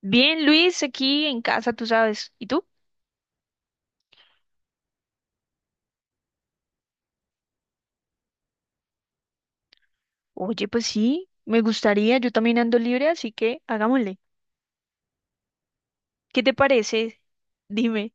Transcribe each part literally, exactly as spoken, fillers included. Bien, Luis, aquí en casa, tú sabes. ¿Y tú? Oye, pues sí, me gustaría, yo también ando libre, así que hagámosle. ¿Qué te parece? Dime.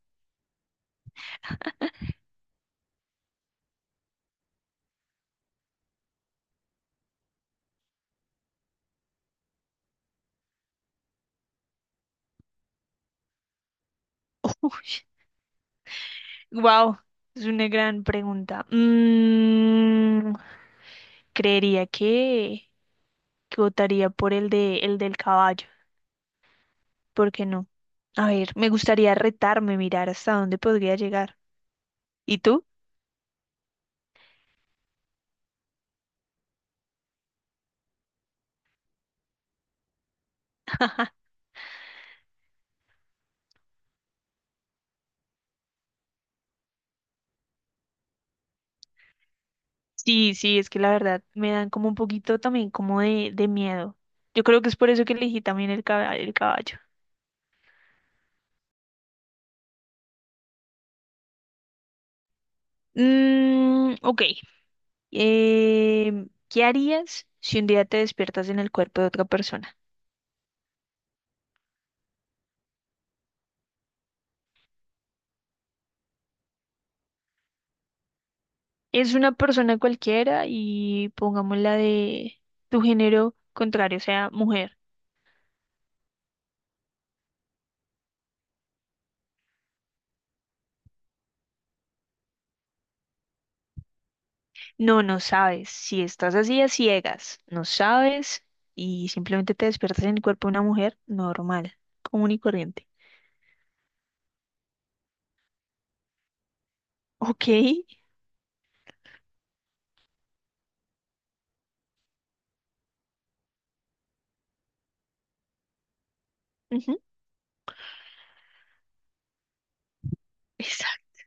Wow, es una gran pregunta. Mm, creería que, que votaría por el de el del caballo. ¿Por qué no? A ver, me gustaría retarme, mirar hasta dónde podría llegar. ¿Y tú? Sí, sí, es que la verdad me dan como un poquito también como de, de miedo. Yo creo que es por eso que elegí también el caba- el caballo. Mm, ok. Eh, ¿qué harías si un día te despiertas en el cuerpo de otra persona? Es una persona cualquiera y pongámosla de tu género contrario, o sea, mujer. No, no sabes. Si estás así a ciegas, no sabes y simplemente te despiertas en el cuerpo de una mujer normal, común y corriente. Ok. Ujú. Exacto.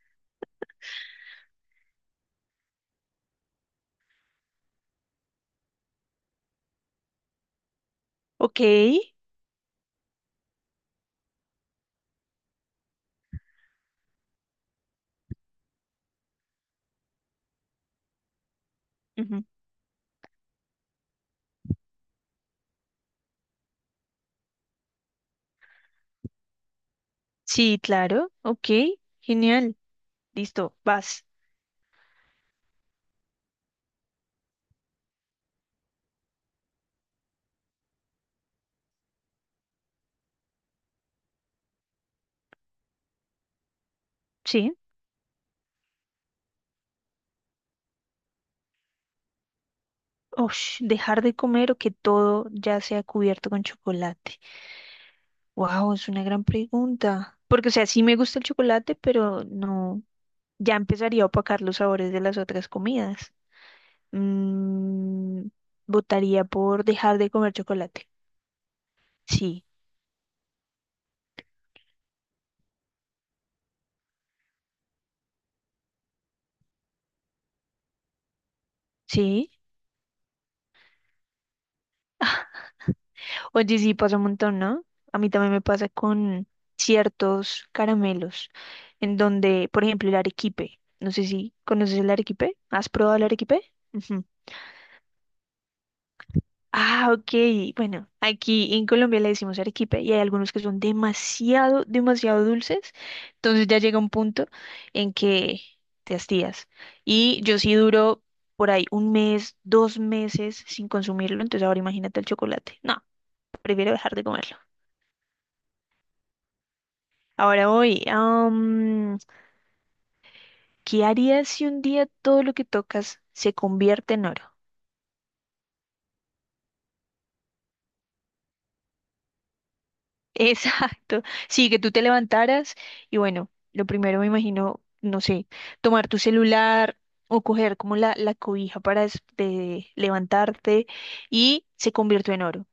Ok. Ujú. Sí, claro. Ok. Genial. Listo. Vas. Sí. Ush, dejar de comer o que todo ya sea cubierto con chocolate. Wow, es una gran pregunta. Porque, o sea, sí me gusta el chocolate, pero no, ya empezaría a opacar los sabores de las otras comidas. Mm, votaría por dejar de comer chocolate. Sí, sí. Oye, sí, pasa un montón, ¿no? A mí también me pasa con ciertos caramelos, en donde, por ejemplo, el arequipe. No sé si conoces el arequipe. ¿Has probado el arequipe? Ujú. Ah, ok. Bueno, aquí en Colombia le decimos arequipe y hay algunos que son demasiado, demasiado dulces. Entonces ya llega un punto en que te hastías. Y yo sí duro por ahí un mes, dos meses sin consumirlo. Entonces ahora imagínate el chocolate. No, prefiero dejar de comerlo. Ahora voy. am, ¿qué harías si un día todo lo que tocas se convierte en oro? Exacto. Sí, que tú te levantaras y bueno, lo primero me imagino, no sé, tomar tu celular o coger como la, la cobija para des- de levantarte y se convirtió en oro.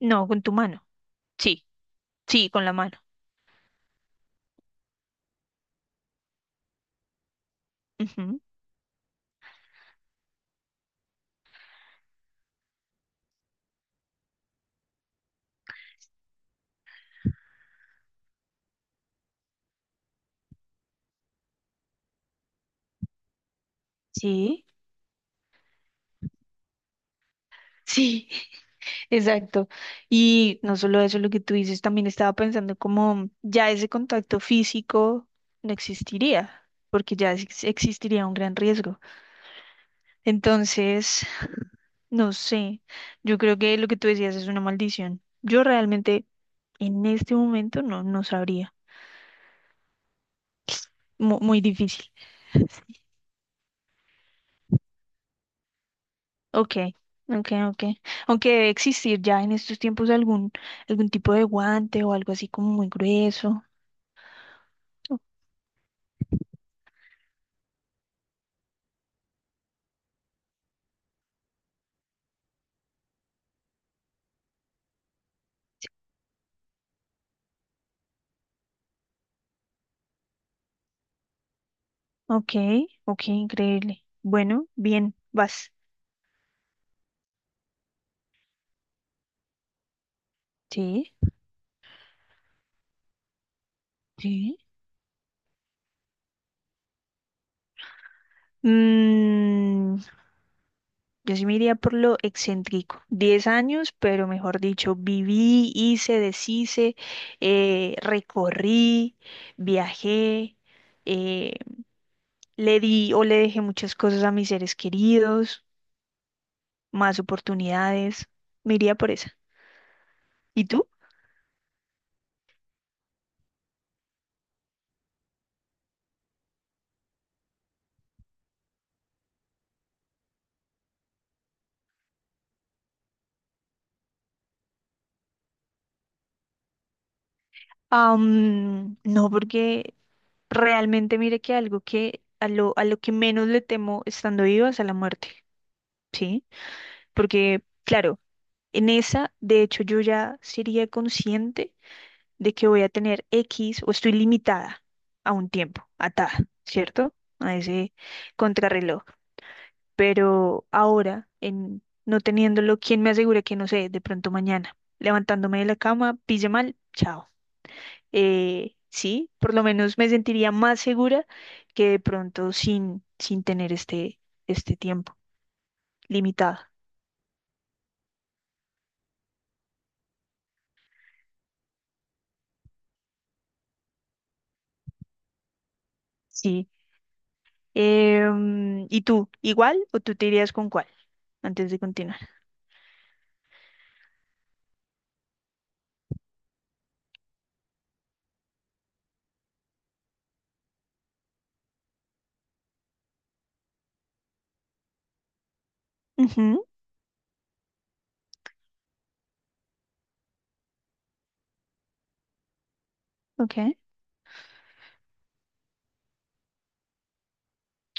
No, con tu mano. Sí, sí, con la mano. Ujú. Sí, sí, exacto. Y no solo eso, lo que tú dices, también estaba pensando como ya ese contacto físico no existiría, porque ya ex- existiría un gran riesgo. Entonces. No sé, yo creo que lo que tú decías es una maldición. Yo realmente en este momento no, no sabría. Mu- muy difícil. Ok, ok, ok. Aunque debe existir ya en estos tiempos algún, algún tipo de guante o algo así como muy grueso. O- Ok, ok, increíble. Bueno, bien, vas. Sí, sí. Mm, Yo sí me iría por lo excéntrico. Diez años, pero mejor dicho, viví, hice, deshice, eh, recorrí, viajé, eh, le di o le dejé muchas cosas a mis seres queridos, más oportunidades. Me iría por esa. ¿Y tú? Am, no, porque realmente mire que algo que a lo, a lo que menos le temo estando viva es a la muerte, ¿sí? Porque, claro, en esa, de hecho, yo ya sería consciente de que voy a tener equis o estoy limitada a un tiempo, atada, ¿cierto? A ese contrarreloj. Pero ahora, en no teniéndolo, ¿quién me asegura que no sé, de pronto mañana, levantándome de la cama, pille mal, chao? Eh, sí, por lo menos me sentiría más segura que de pronto sin, sin tener este, este tiempo limitado. Sí. Em, ¿y tú, igual o tú te irías con cuál antes de continuar? Ujú, ok.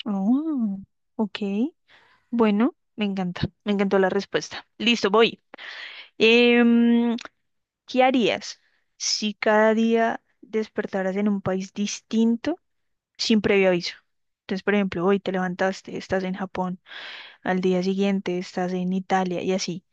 Oh, ok. Bueno, me encanta. Me encantó la respuesta. Listo, voy. Em, ¿qué harías si cada día despertaras en un país distinto sin previo aviso? Entonces, por ejemplo, hoy te levantaste, estás en Japón, al día siguiente estás en Italia y así.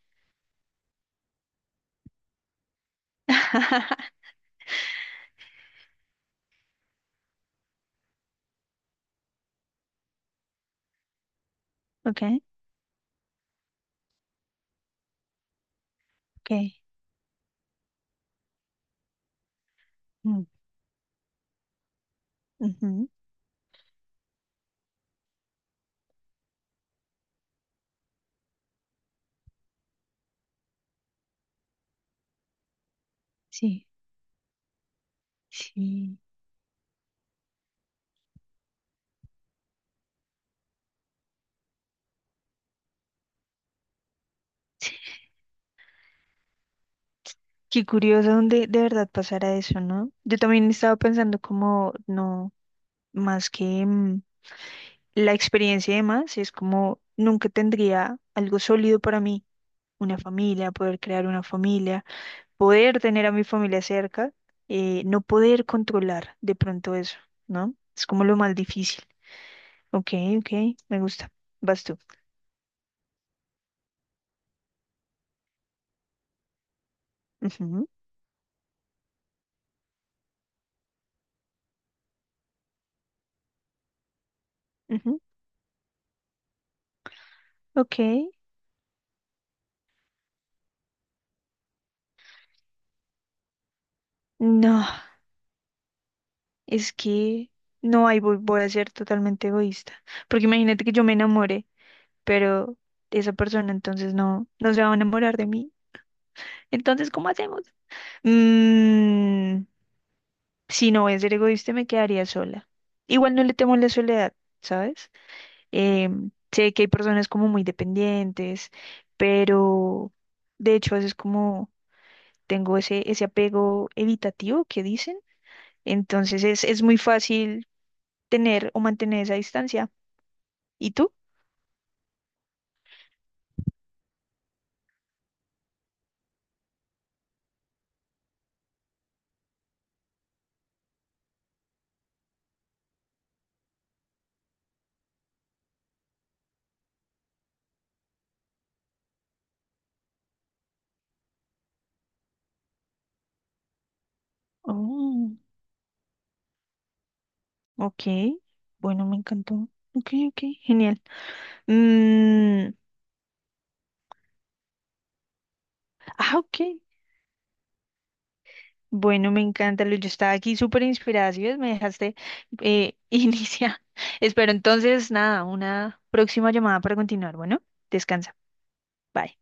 Ok, ok. Mm, ujú, sí, sí. Qué curioso donde de verdad pasara eso, ¿no? Yo también estaba pensando como, no, más que... mm, la experiencia y demás es como nunca tendría algo sólido para mí, una familia, poder crear una familia, poder tener a mi familia cerca, eh, no poder controlar de pronto eso, ¿no? Es como lo más difícil. Ok, ok, me gusta. Vas tú. Ujú, ujú, ok, no, es que no, hay voy, voy, a ser totalmente egoísta, porque imagínate que yo me enamore, pero esa persona entonces no, no se va a enamorar de mí. Entonces, ¿cómo hacemos? Mm, si no voy a ser egoísta, me quedaría sola. Igual no le temo la soledad, ¿sabes? Em, sé que hay personas como muy dependientes, pero de hecho a veces como tengo ese, ese apego evitativo que dicen, entonces es, es muy fácil tener o mantener esa distancia. ¿Y tú? Oh, ok, bueno, me encantó. Ok, ok, genial. Mm, ah, ok, bueno, me encanta, Luis. Yo estaba aquí súper inspirada. Si ves, me dejaste eh, iniciar. Espero entonces, nada, una próxima llamada para continuar. Bueno, descansa. Bye.